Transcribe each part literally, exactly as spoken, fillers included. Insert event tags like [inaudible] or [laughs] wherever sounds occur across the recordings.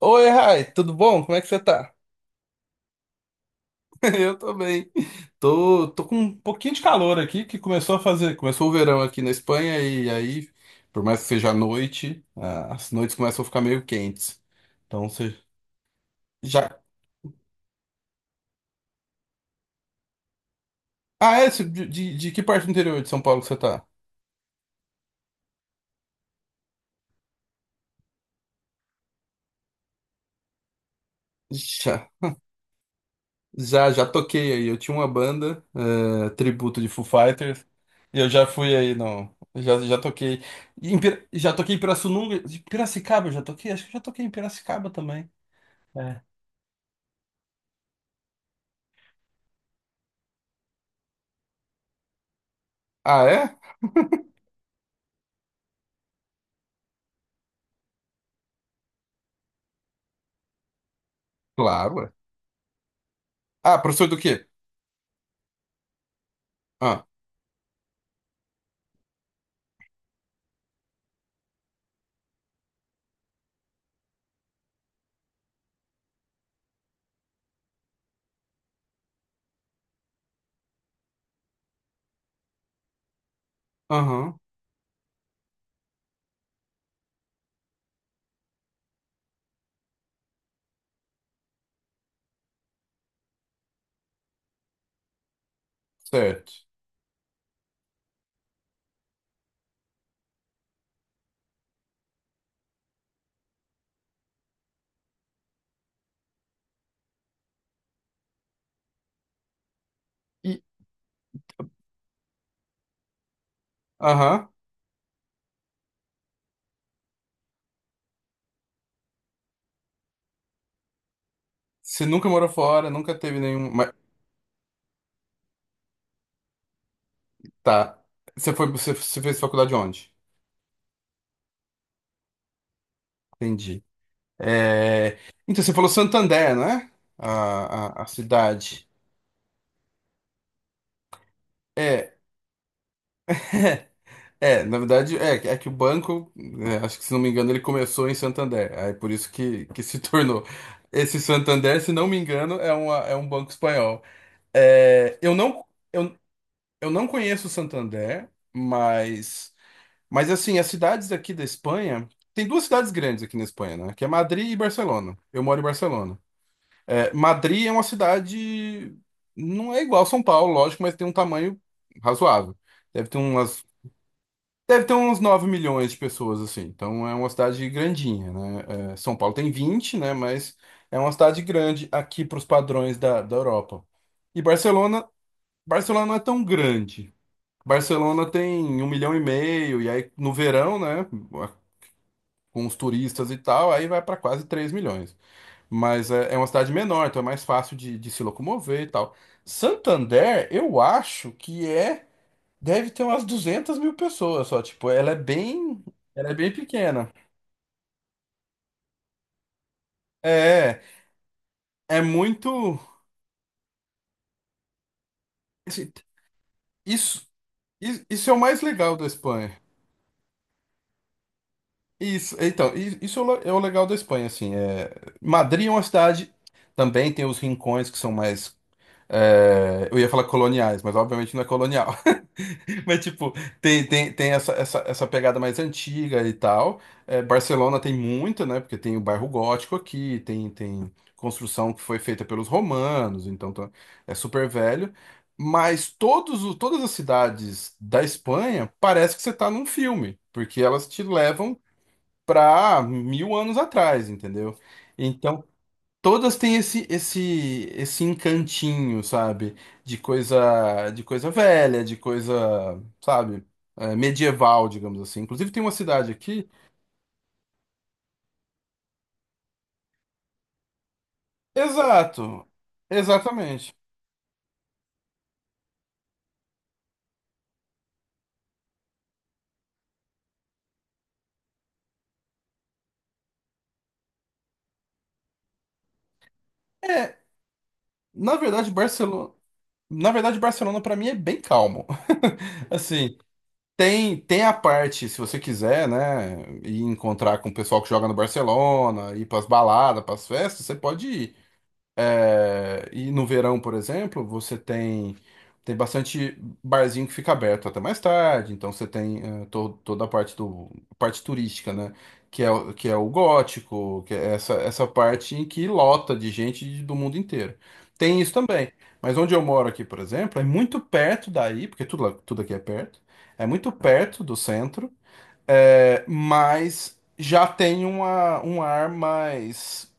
Oi, Rai, tudo bom? Como é que você tá? [laughs] Eu tô bem. Tô, tô com um pouquinho de calor aqui, que começou a fazer, começou o verão aqui na Espanha e aí, por mais que seja à noite, ah, as noites começam a ficar meio quentes. Então você já. Ah, é? Você- De, de, de que parte do interior de São Paulo que você tá? Já, já, já toquei aí. Eu tinha uma banda, eh, tributo de Foo Fighters, e eu já fui aí, não. Já, já toquei. Em Pira- já toquei em Pirassununga. De Piracicaba eu já toquei? Acho que eu já toquei em Piracicaba também. É. Ah, é? Claro. É. Ah, professor do quê? Ah, aham, certo. E, aham, você nunca morou fora, nunca teve nenhum... Mas, tá, você foi, você, você fez faculdade onde? Entendi. É, então, você falou Santander, né? A, a, a cidade. É, é, na verdade, é, é que o banco, é, acho que se não me engano, ele começou em Santander. Aí por isso que, que se [laughs] tornou. Esse Santander, se não me engano, é, uma, é um banco espanhol. É, eu não. eu Eu não conheço Santander, mas mas assim, as cidades aqui da Espanha, tem duas cidades grandes aqui na Espanha, né? Que é Madrid e Barcelona. Eu moro em Barcelona. É, Madrid é uma cidade não é igual a São Paulo, lógico, mas tem um tamanho razoável. Deve ter umas deve ter uns nove milhões de pessoas assim. Então é uma cidade grandinha, né? É, São Paulo tem vinte, né, mas é uma cidade grande aqui para os padrões da, da Europa. E Barcelona, Barcelona não é tão grande. Barcelona tem um milhão e meio, e aí no verão, né, com os turistas e tal, aí vai para quase três milhões. Mas é, é uma cidade menor, então é mais fácil de, de se locomover e tal. Santander, eu acho que é, deve ter umas duzentas mil pessoas só, tipo, ela é bem, ela é bem pequena. É, é muito, assim, isso, isso isso é o mais legal da Espanha. Isso, então, i- isso é o le- é o legal da Espanha, assim, é, Madrid é uma cidade, também tem os rincões que são mais, é, eu ia falar coloniais, mas obviamente não é colonial, [laughs] mas tipo, tem, tem, tem essa, essa, essa pegada mais antiga e tal. É, Barcelona tem muito, né, porque tem o bairro gótico aqui, tem, tem construção que foi feita pelos romanos, então tá- é super velho, mas todos, o- todas as cidades da Espanha parece que você tá num filme, porque elas te levam para mil anos atrás, entendeu? Então, todas têm esse esse esse encantinho, sabe? De coisa de coisa velha, de coisa, sabe? eh, medieval, digamos assim. Inclusive tem uma cidade aqui. Exato. Exatamente. É, na verdade, Barcelona, na verdade, Barcelona para mim é bem calmo. [laughs] Assim, tem tem a parte, se você quiser, né, ir encontrar com o pessoal que joga no Barcelona, ir pras baladas, pras festas, você pode ir. É, e no verão, por exemplo, você tem tem bastante barzinho que fica aberto até mais tarde, então você tem eh, to- toda a parte do parte turística, né? Que é, o- que é o gótico, que é essa, essa parte em que lota de gente de- do mundo inteiro. Tem isso também. Mas onde eu moro aqui, por exemplo, é muito perto daí, porque tudo, lá- tudo aqui é perto, é muito perto do centro, eh, mas já tem uma, um ar mais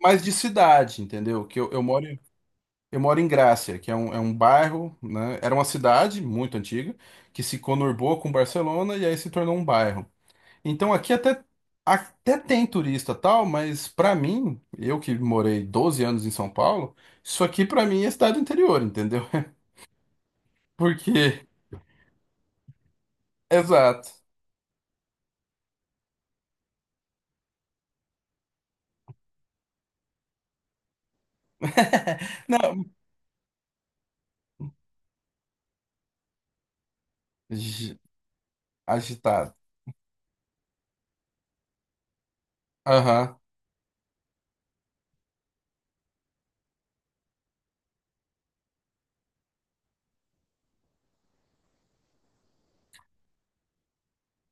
mais de cidade, entendeu? Que eu, eu moro, em- eu moro em Grácia, que é um, é um bairro, né? Era uma cidade muito antiga que se conurbou com Barcelona e aí se tornou um bairro. Então aqui até, até tem turista tal, mas pra mim, eu que morei doze anos em São Paulo, isso aqui pra mim é cidade do interior, entendeu? [laughs] Porque, exato. [laughs] Não, agi- agitado. Aham.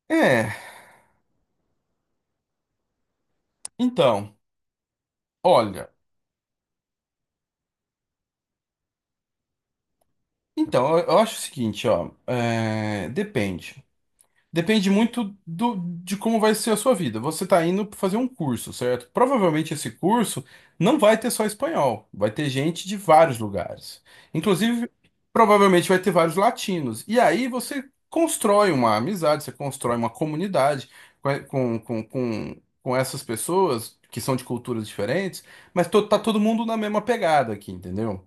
É, então, olha. Então, eu eu acho o seguinte, ó. É, depende. Depende muito do, de como vai ser a sua vida. Você está indo fazer um curso, certo? Provavelmente esse curso não vai ter só espanhol, vai ter gente de vários lugares. Inclusive, provavelmente vai ter vários latinos. E aí você constrói uma amizade, você constrói uma comunidade com, com, com, com essas pessoas que são de culturas diferentes, mas to, tá todo mundo na mesma pegada aqui, entendeu?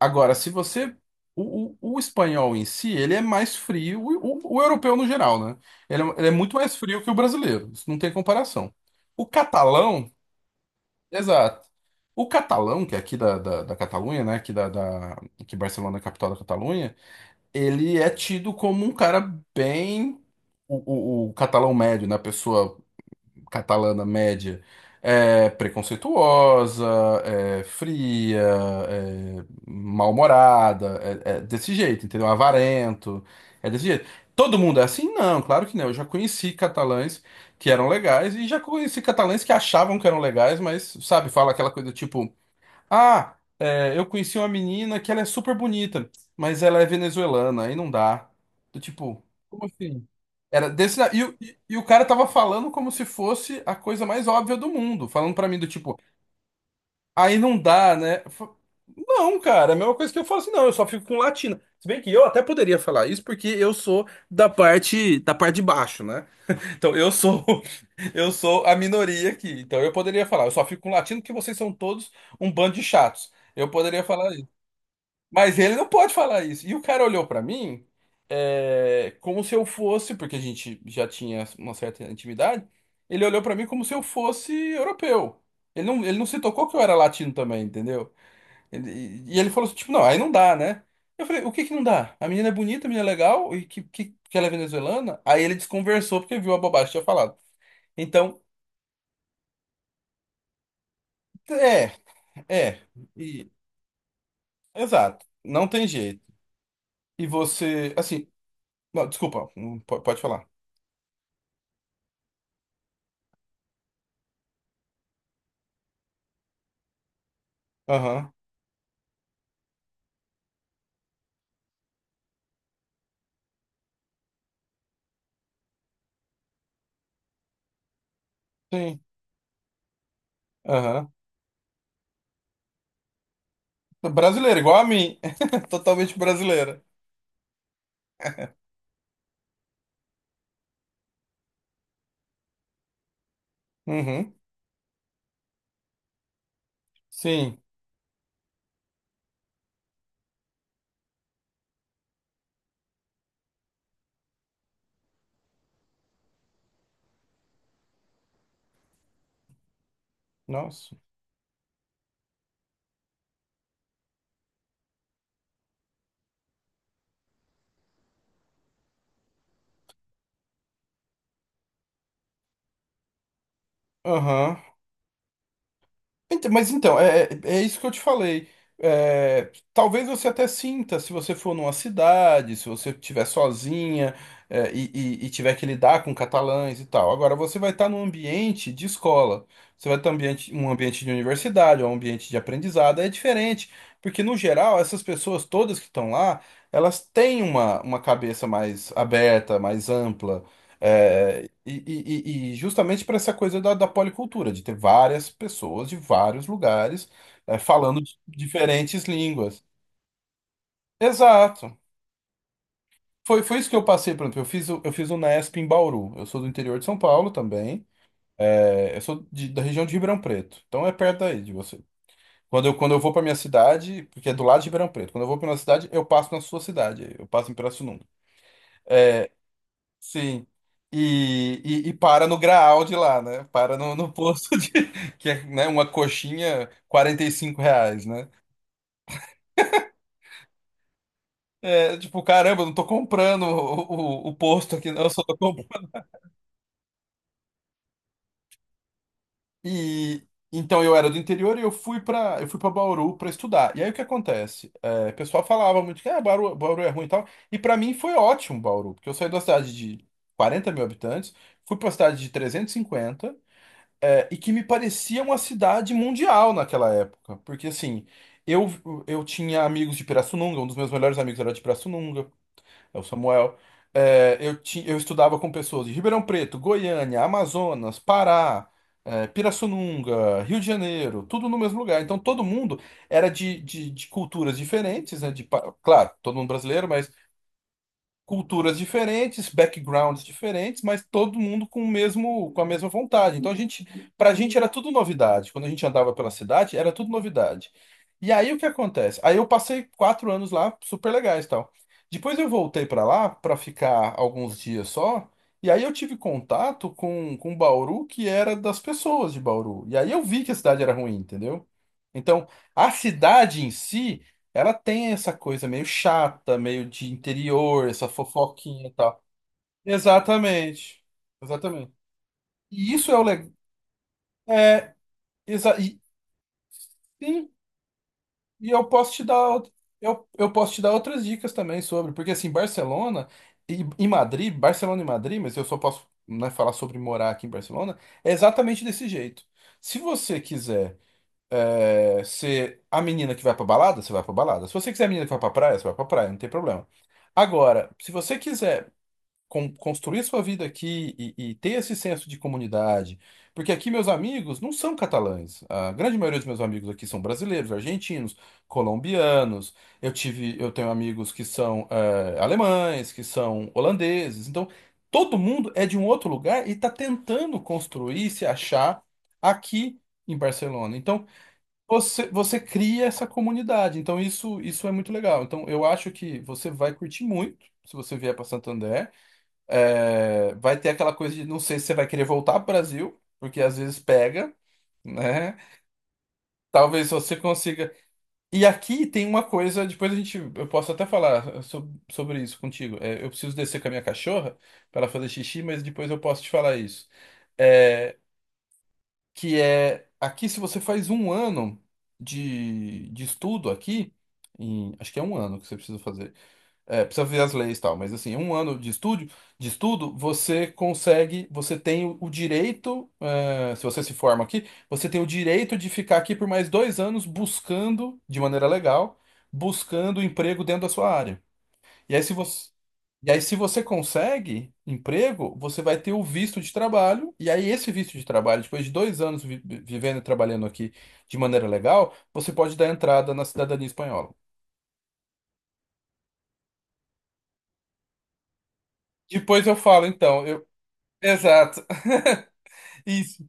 Agora, se você. O, o, o espanhol em si, ele é mais frio, o, o, o europeu no geral, né? Ele é, ele é muito mais frio que o brasileiro, isso não tem comparação. O catalão, exato. O catalão, que é aqui da, da, da Catalunha, né? Aqui da, da, que Barcelona é a capital da Catalunha, ele é tido como um cara bem. O, o, o catalão médio, né? A pessoa catalana média é preconceituosa, é fria, é mal-humorada, é, é desse jeito, entendeu? Avarento, é desse jeito. Todo mundo é assim? Não, claro que não. Eu já conheci catalães que eram legais e já conheci catalães que achavam que eram legais, mas, sabe, fala aquela coisa tipo. Ah, é, eu conheci uma menina que ela é super bonita, mas ela é venezuelana, aí não dá. Do tipo, como assim? Era desse, e, o- e, e o cara tava falando como se fosse a coisa mais óbvia do mundo, falando pra mim do tipo, aí não dá, né? Eu fa- Não, cara, é a mesma coisa que eu falo assim, não, eu só fico com latina. Se bem que eu até poderia falar isso porque eu sou da parte da parte de baixo, né? Então, eu sou [laughs] eu sou a minoria aqui. Então, eu poderia falar, eu só fico com latino porque vocês são todos um bando de chatos. Eu poderia falar isso. Mas ele não pode falar isso. E o cara olhou pra mim é, como se eu fosse, porque a gente já tinha uma certa intimidade, ele olhou pra mim como se eu fosse europeu. Ele não, ele não se tocou que eu era latino também, entendeu? Ele- E ele falou assim, tipo, não, aí não dá, né? Eu falei, o que que não dá? A menina é bonita, a menina é legal, e que, que, que ela é venezuelana? Aí ele desconversou porque viu a bobagem que tinha falado. Então, é, é, e- exato, não tem jeito. E você, assim, não, desculpa, hum, po- pode falar. Aham, sim, aham. Brasileira, igual a mim, [laughs] totalmente brasileira. Uhum, sim, nossa, aham. Ent- Mas então, é, é é isso que eu te falei. É, talvez você até sinta, se você for numa cidade, se você estiver sozinha, é, e, e- e tiver que lidar com catalães e tal. Agora, você vai estar num ambiente de escola. Você vai estar num ambiente, um ambiente de universidade, ou um ambiente de aprendizado. É diferente, porque no geral, essas pessoas todas que estão lá, elas têm uma, uma cabeça mais aberta, mais ampla. É, e, e- e- e justamente para essa coisa da, da policultura, de ter várias pessoas de vários lugares eh, falando de diferentes línguas. Exato. Foi, foi isso que eu passei, por exemplo, eu fiz, o- eu fiz o Nesp em Bauru. Eu sou do interior de São Paulo também. eh, eu sou de- da região de Ribeirão Preto. Então é perto daí de você. Quando eu, quando eu vou para minha cidade, porque é do lado de Ribeirão Preto, quando eu vou para minha cidade, eu passo na sua cidade. Eu passo em Pirassununga. Sim. E, e, e para no Graal de lá, né? Para no, no posto de, [laughs] que é, né, uma coxinha, quarenta e cinco reais, né? É, tipo, caramba, eu não tô comprando o, o, o posto aqui, não, eu só tô comprando. E então eu era do interior e eu fui para eu fui para Bauru para estudar. E aí o que acontece? É, o pessoal falava muito que ah, Bauru, Bauru é ruim e tal. E para mim foi ótimo Bauru, porque eu saí da cidade de quarenta mil habitantes, fui para uma cidade de trezentos e cinquenta. É, e que me parecia uma cidade mundial naquela época. Porque, assim, eu, eu tinha amigos de Pirassununga, um dos meus melhores amigos era de Pirassununga, é o Samuel. É, eu, ti, eu estudava com pessoas de Ribeirão Preto, Goiânia, Amazonas, Pará, é, Pirassununga, Rio de Janeiro, tudo no mesmo lugar. Então, todo mundo era de, de, de culturas diferentes, né? De, pa- claro, todo mundo brasileiro, culturas diferentes, backgrounds diferentes, mas todo mundo com o mesmo, com a mesma vontade. Então a gente, pra gente era tudo novidade. Quando a gente andava pela cidade, era tudo novidade. E aí o que acontece? Aí eu passei quatro anos lá, super legais, e tal. Depois eu voltei pra lá pra ficar alguns dias só. E aí eu tive contato com, com Bauru, que era das pessoas de Bauru. E aí eu vi que a cidade era ruim, entendeu? Então, a cidade em si ela tem essa coisa meio chata, meio de interior, essa fofoquinha e tal. Exatamente. Exatamente. E isso é o legal. É, exa e, sim, e eu posso te dar out- eu, eu posso te dar outras dicas também sobre, porque assim, Barcelona e, e Madrid, Barcelona e Madrid, mas eu só posso, né, falar sobre morar aqui em Barcelona, é exatamente desse jeito. Se você quiser é, se a menina que vai pra balada, você vai pra balada. Se você quiser a menina que vai pra praia, você vai pra praia, não tem problema. Agora, se você quiser con- construir sua vida aqui e, e ter esse senso de comunidade, porque aqui meus amigos não são catalães. A grande maioria dos meus amigos aqui são brasileiros, argentinos, colombianos. Eu tive, eu tenho amigos que são é, alemães, que são holandeses. Então, todo mundo é de um outro lugar e está tentando construir, se achar aqui em Barcelona. Então você, você cria essa comunidade, então isso, isso é muito legal. Então eu acho que você vai curtir muito se você vier para Santander. É, vai ter aquela coisa de não sei se você vai querer voltar para o Brasil, porque às vezes pega, né? Talvez você consiga. E aqui tem uma coisa, depois a gente, eu posso até falar so- sobre isso contigo. É, eu preciso descer com a minha cachorra para ela fazer xixi, mas depois eu posso te falar isso. É, que é aqui se você faz um ano de, de estudo aqui, em- acho que é um ano que você precisa fazer. É, precisa ver as leis e tal, mas assim, um ano de estudo de estudo, você consegue, você tem o, o direito, é, se você se forma aqui, você tem o direito de ficar aqui por mais dois anos buscando, de maneira legal, buscando emprego dentro da sua área. E aí, se você, e aí, se você consegue emprego, você vai ter o visto de trabalho. E aí, esse visto de trabalho, depois de dois anos vi- vivendo e trabalhando aqui de maneira legal, você pode dar entrada na cidadania espanhola. Depois eu falo, então, eu. Exato. [laughs] Isso.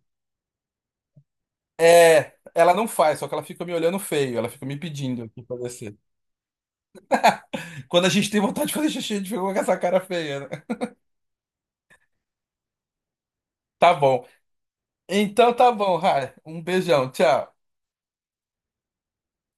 É, ela não faz, só que ela fica me olhando feio, ela fica me pedindo aqui pra descer. Quando a gente tem vontade de fazer xixi, a gente fica com essa cara feia, né? Tá bom. Então tá bom, Rai. Um beijão, tchau.